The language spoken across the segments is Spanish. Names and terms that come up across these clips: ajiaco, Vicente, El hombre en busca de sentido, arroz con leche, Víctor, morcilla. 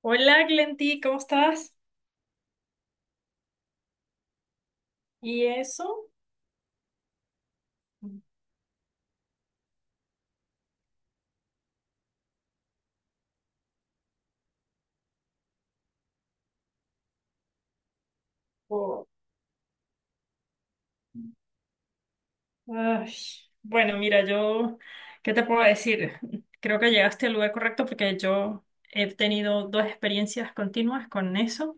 Hola Glenti, ¿cómo estás? ¿Y eso? Ay, bueno, mira, yo, ¿qué te puedo decir? Creo que llegaste al lugar correcto porque yo he tenido dos experiencias continuas con eso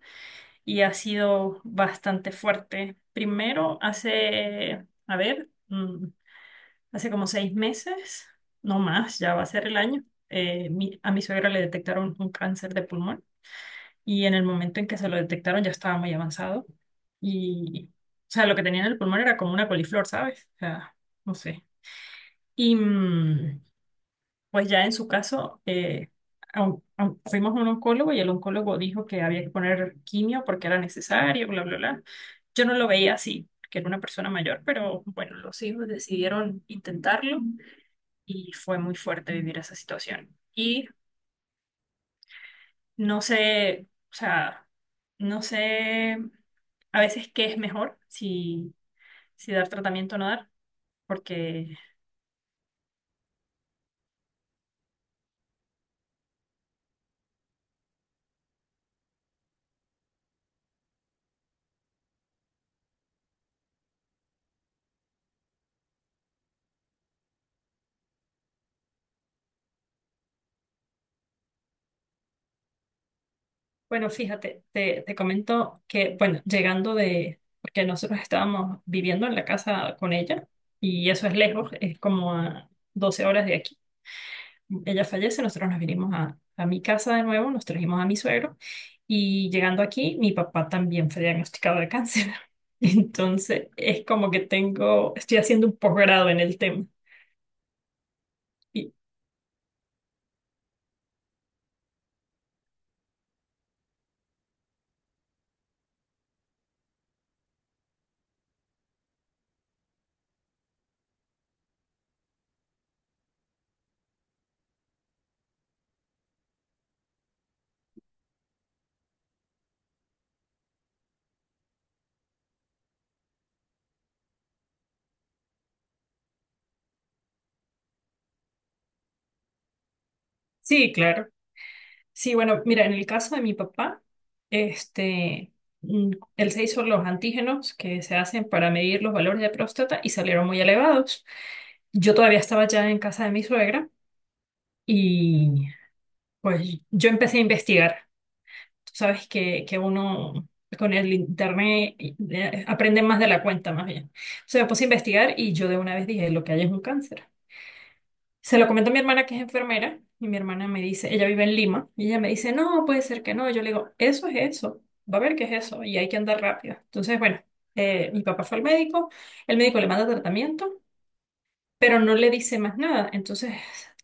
y ha sido bastante fuerte. Primero, a ver, hace como 6 meses, no más, ya va a ser el año, a mi suegra le detectaron un cáncer de pulmón. Y en el momento en que se lo detectaron ya estaba muy avanzado y, o sea, lo que tenía en el pulmón era como una coliflor, ¿sabes? O sea, no sé. Y mm, pues ya en su caso, a un- fuimos a un oncólogo y el oncólogo dijo que había que poner quimio porque era necesario, bla, bla, bla. Yo no lo veía así, que era una persona mayor, pero bueno, los hijos decidieron intentarlo y fue muy fuerte vivir esa situación. Y no sé, o sea, no sé a veces qué es mejor, si, si dar tratamiento o no dar, porque, bueno, fíjate, te comento que, bueno, llegando de, porque nosotros estábamos viviendo en la casa con ella y eso es lejos, es como a 12 horas de aquí. Ella fallece, nosotros nos vinimos a mi casa de nuevo, nos trajimos a mi suegro y llegando aquí, mi papá también fue diagnosticado de cáncer. Entonces, es como que tengo, estoy haciendo un posgrado en el tema. Y, sí, claro. Sí, bueno, mira, en el caso de mi papá, este, mm, él se hizo los antígenos que se hacen para medir los valores de próstata y salieron muy elevados. Yo todavía estaba ya en casa de mi suegra y pues yo empecé a investigar. Tú sabes que, uno con el internet, aprende más de la cuenta, más bien. Se me puse a investigar y yo de una vez dije, lo que hay es un cáncer. Se lo comento a mi hermana que es enfermera y mi hermana me dice, ella vive en Lima y ella me dice, no, puede ser que no. Y yo le digo, eso es eso, va a ver qué es eso y hay que andar rápido. Entonces, bueno, mi papá fue al médico, el médico le manda tratamiento, pero no le dice más nada. Entonces,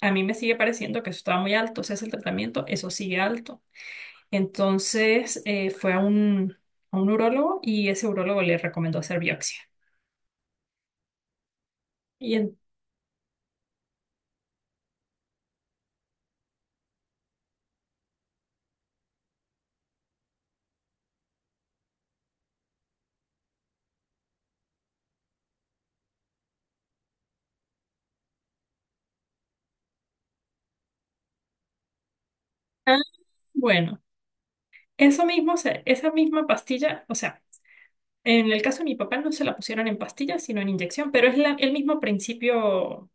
a mí me sigue pareciendo que eso estaba muy alto, o sea, es el tratamiento, eso sigue alto. Entonces fue a un urólogo y ese urólogo le recomendó hacer biopsia. Y en- ah, bueno, eso mismo, o sea, esa misma pastilla, o sea, en el caso de mi papá no se la pusieron en pastilla, sino en inyección, pero es el mismo principio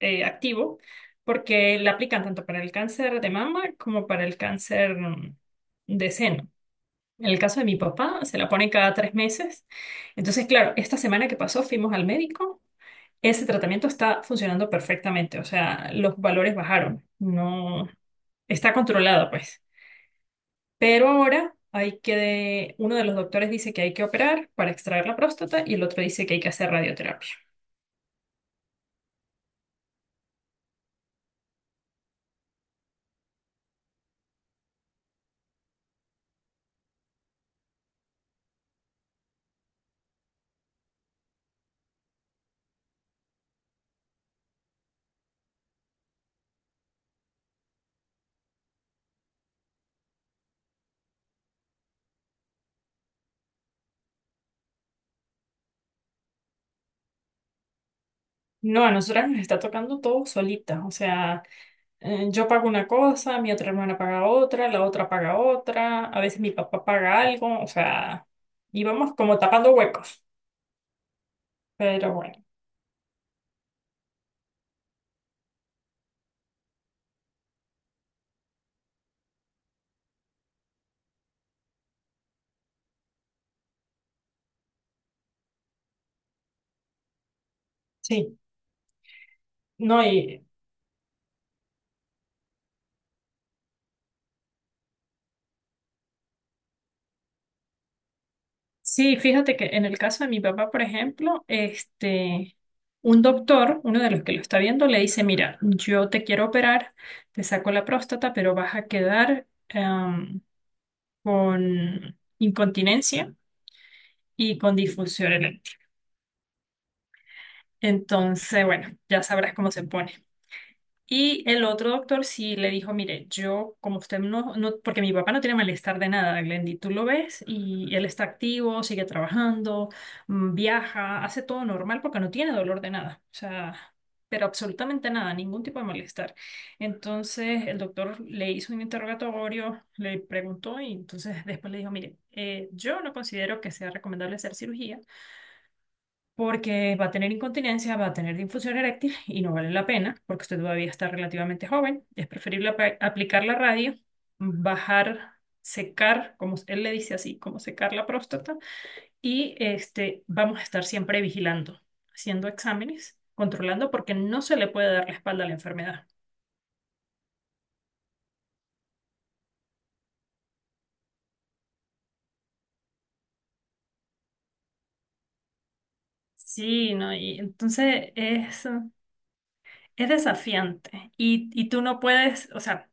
activo, porque la aplican tanto para el cáncer de mama como para el cáncer de seno. En el caso de mi papá, se la pone cada 3 meses. Entonces, claro, esta semana que pasó fuimos al médico. Ese tratamiento está funcionando perfectamente, o sea, los valores bajaron, no, está controlado, pues. Pero ahora hay que, uno de los doctores dice que hay que operar para extraer la próstata y el otro dice que hay que hacer radioterapia. No, a nosotras nos está tocando todo solita, o sea, yo pago una cosa, mi otra hermana paga otra, la otra paga otra, a veces mi papá paga algo, o sea, íbamos como tapando huecos, pero bueno, sí. No, y sí, fíjate que en el caso de mi papá, por ejemplo, este, un doctor, uno de los que lo está viendo, le dice, mira, yo te quiero operar, te saco la próstata, pero vas a quedar con incontinencia y con disfunción eréctil. Entonces, bueno, ya sabrás cómo se pone. Y el otro doctor sí le dijo, mire, yo como usted no, no, porque mi papá no tiene malestar de nada, Glendy, tú lo ves y él está activo, sigue trabajando, viaja, hace todo normal porque no tiene dolor de nada, o sea, pero absolutamente nada, ningún tipo de malestar. Entonces el doctor le hizo un interrogatorio, le preguntó y entonces después le dijo, mire, yo no considero que sea recomendable hacer cirugía porque va a tener incontinencia, va a tener disfunción eréctil y no vale la pena porque usted todavía está relativamente joven. Es preferible aplicar la radio, bajar, secar, como él le dice así, como secar la próstata y este, vamos a estar siempre vigilando, haciendo exámenes, controlando porque no se le puede dar la espalda a la enfermedad. Sí, ¿no? Y entonces es desafiante y tú no puedes, o sea...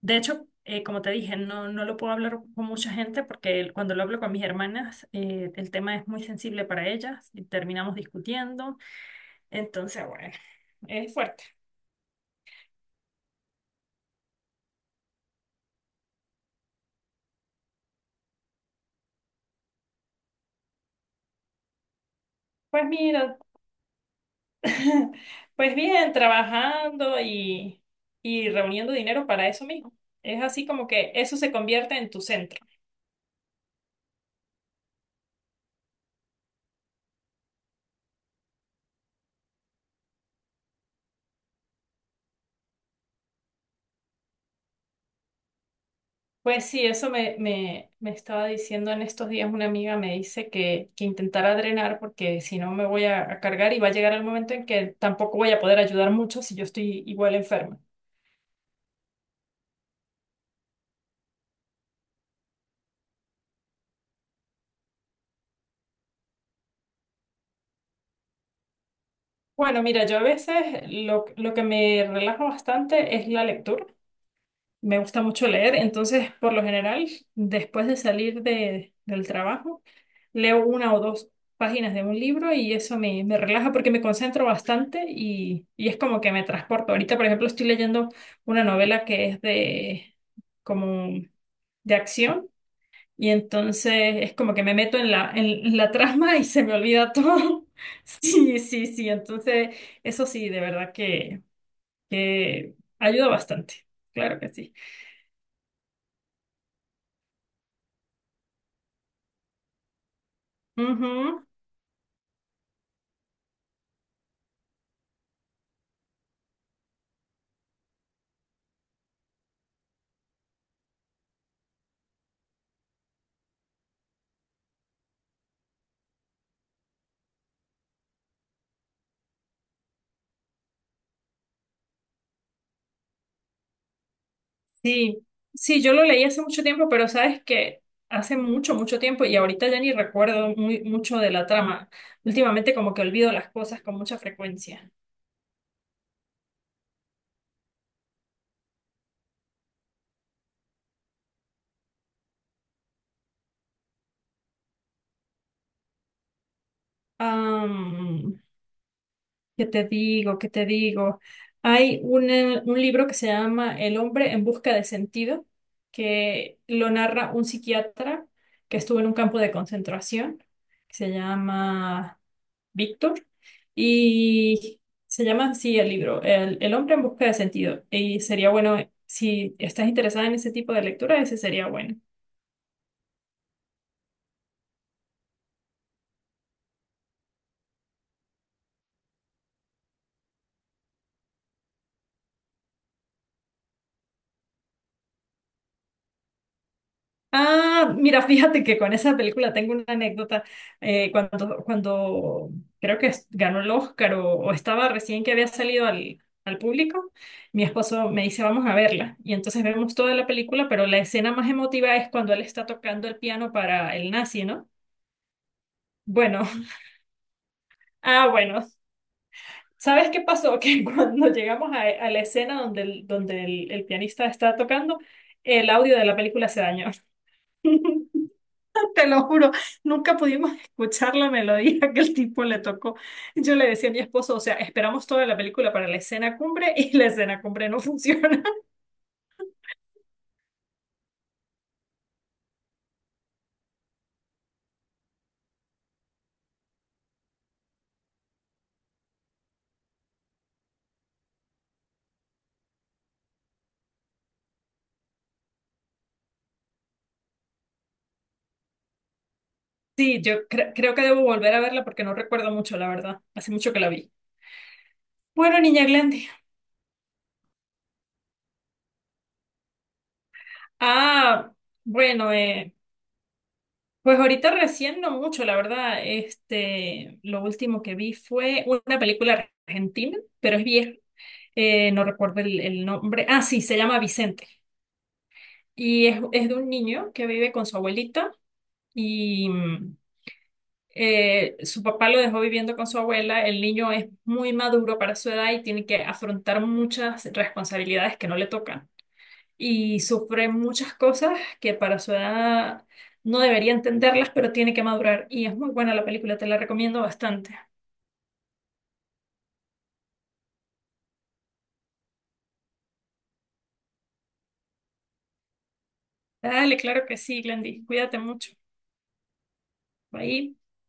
De hecho, como te dije, no, no lo puedo hablar con mucha gente porque cuando lo hablo con mis hermanas, el tema es muy sensible para ellas y terminamos discutiendo. Entonces, bueno, es fuerte. Pues mira, pues bien, trabajando y, reuniendo dinero para eso mismo. Es así como que eso se convierte en tu centro. Pues sí, eso me estaba diciendo en estos días una amiga, me dice que intentara drenar porque si no me voy a cargar y va a llegar el momento en que tampoco voy a poder ayudar mucho si yo estoy igual enferma. Bueno, mira, yo a veces lo que me relaja bastante es la lectura. Me gusta mucho leer, entonces por lo general, después de salir del trabajo, leo una o dos páginas de un libro y eso me relaja porque me concentro bastante y, es como que me transporto. Ahorita, por ejemplo, estoy leyendo una novela que es de como de acción y entonces es como que me meto en la trama y se me olvida todo. Sí, sí, sí, entonces eso sí, de verdad que, ayuda bastante, claro que sí. Ujú, sí, sí, yo lo leí hace mucho tiempo, pero sabes que hace mucho, mucho tiempo y ahorita ya ni recuerdo muy, mucho de la trama. Últimamente como que olvido las cosas con mucha frecuencia. Am, ¿Qué te digo? ¿Qué te digo? Hay un libro que se llama El hombre en busca de sentido, que lo narra un psiquiatra que estuvo en un campo de concentración, que se llama Víctor, y se llama así el libro, El hombre en busca de sentido. Y sería bueno, si estás interesada en ese tipo de lectura, ese sería bueno. Ah, mira, fíjate que con esa película tengo una anécdota. Cuando creo que ganó el Oscar o estaba recién que había salido al público, mi esposo me dice, vamos a verla. Y entonces vemos toda la película, pero la escena más emotiva es cuando él está tocando el piano para el nazi, ¿no? Bueno, ah, bueno. ¿Sabes qué pasó? Que cuando llegamos a la escena donde el pianista está tocando, el audio de la película se dañó. Te lo juro, nunca pudimos escuchar la melodía que el tipo le tocó. Yo le decía a mi esposo, o sea, esperamos toda la película para la escena cumbre y la escena cumbre no funciona. Sí, yo creo que debo volver a verla porque no recuerdo mucho, la verdad. Hace mucho que la vi. Bueno, niña Glendy. Ah, bueno, pues ahorita recién no mucho, la verdad. Este, lo último que vi fue una película argentina, pero es vieja. No recuerdo el nombre. Ah, sí, se llama Vicente. Y es de un niño que vive con su abuelita y su papá lo dejó viviendo con su abuela. El niño es muy maduro para su edad y tiene que afrontar muchas responsabilidades que no le tocan y sufre muchas cosas que para su edad no debería entenderlas, pero tiene que madurar. Y es muy buena la película, te la recomiendo bastante. Dale, claro que sí, Glendy. Cuídate mucho. Bye.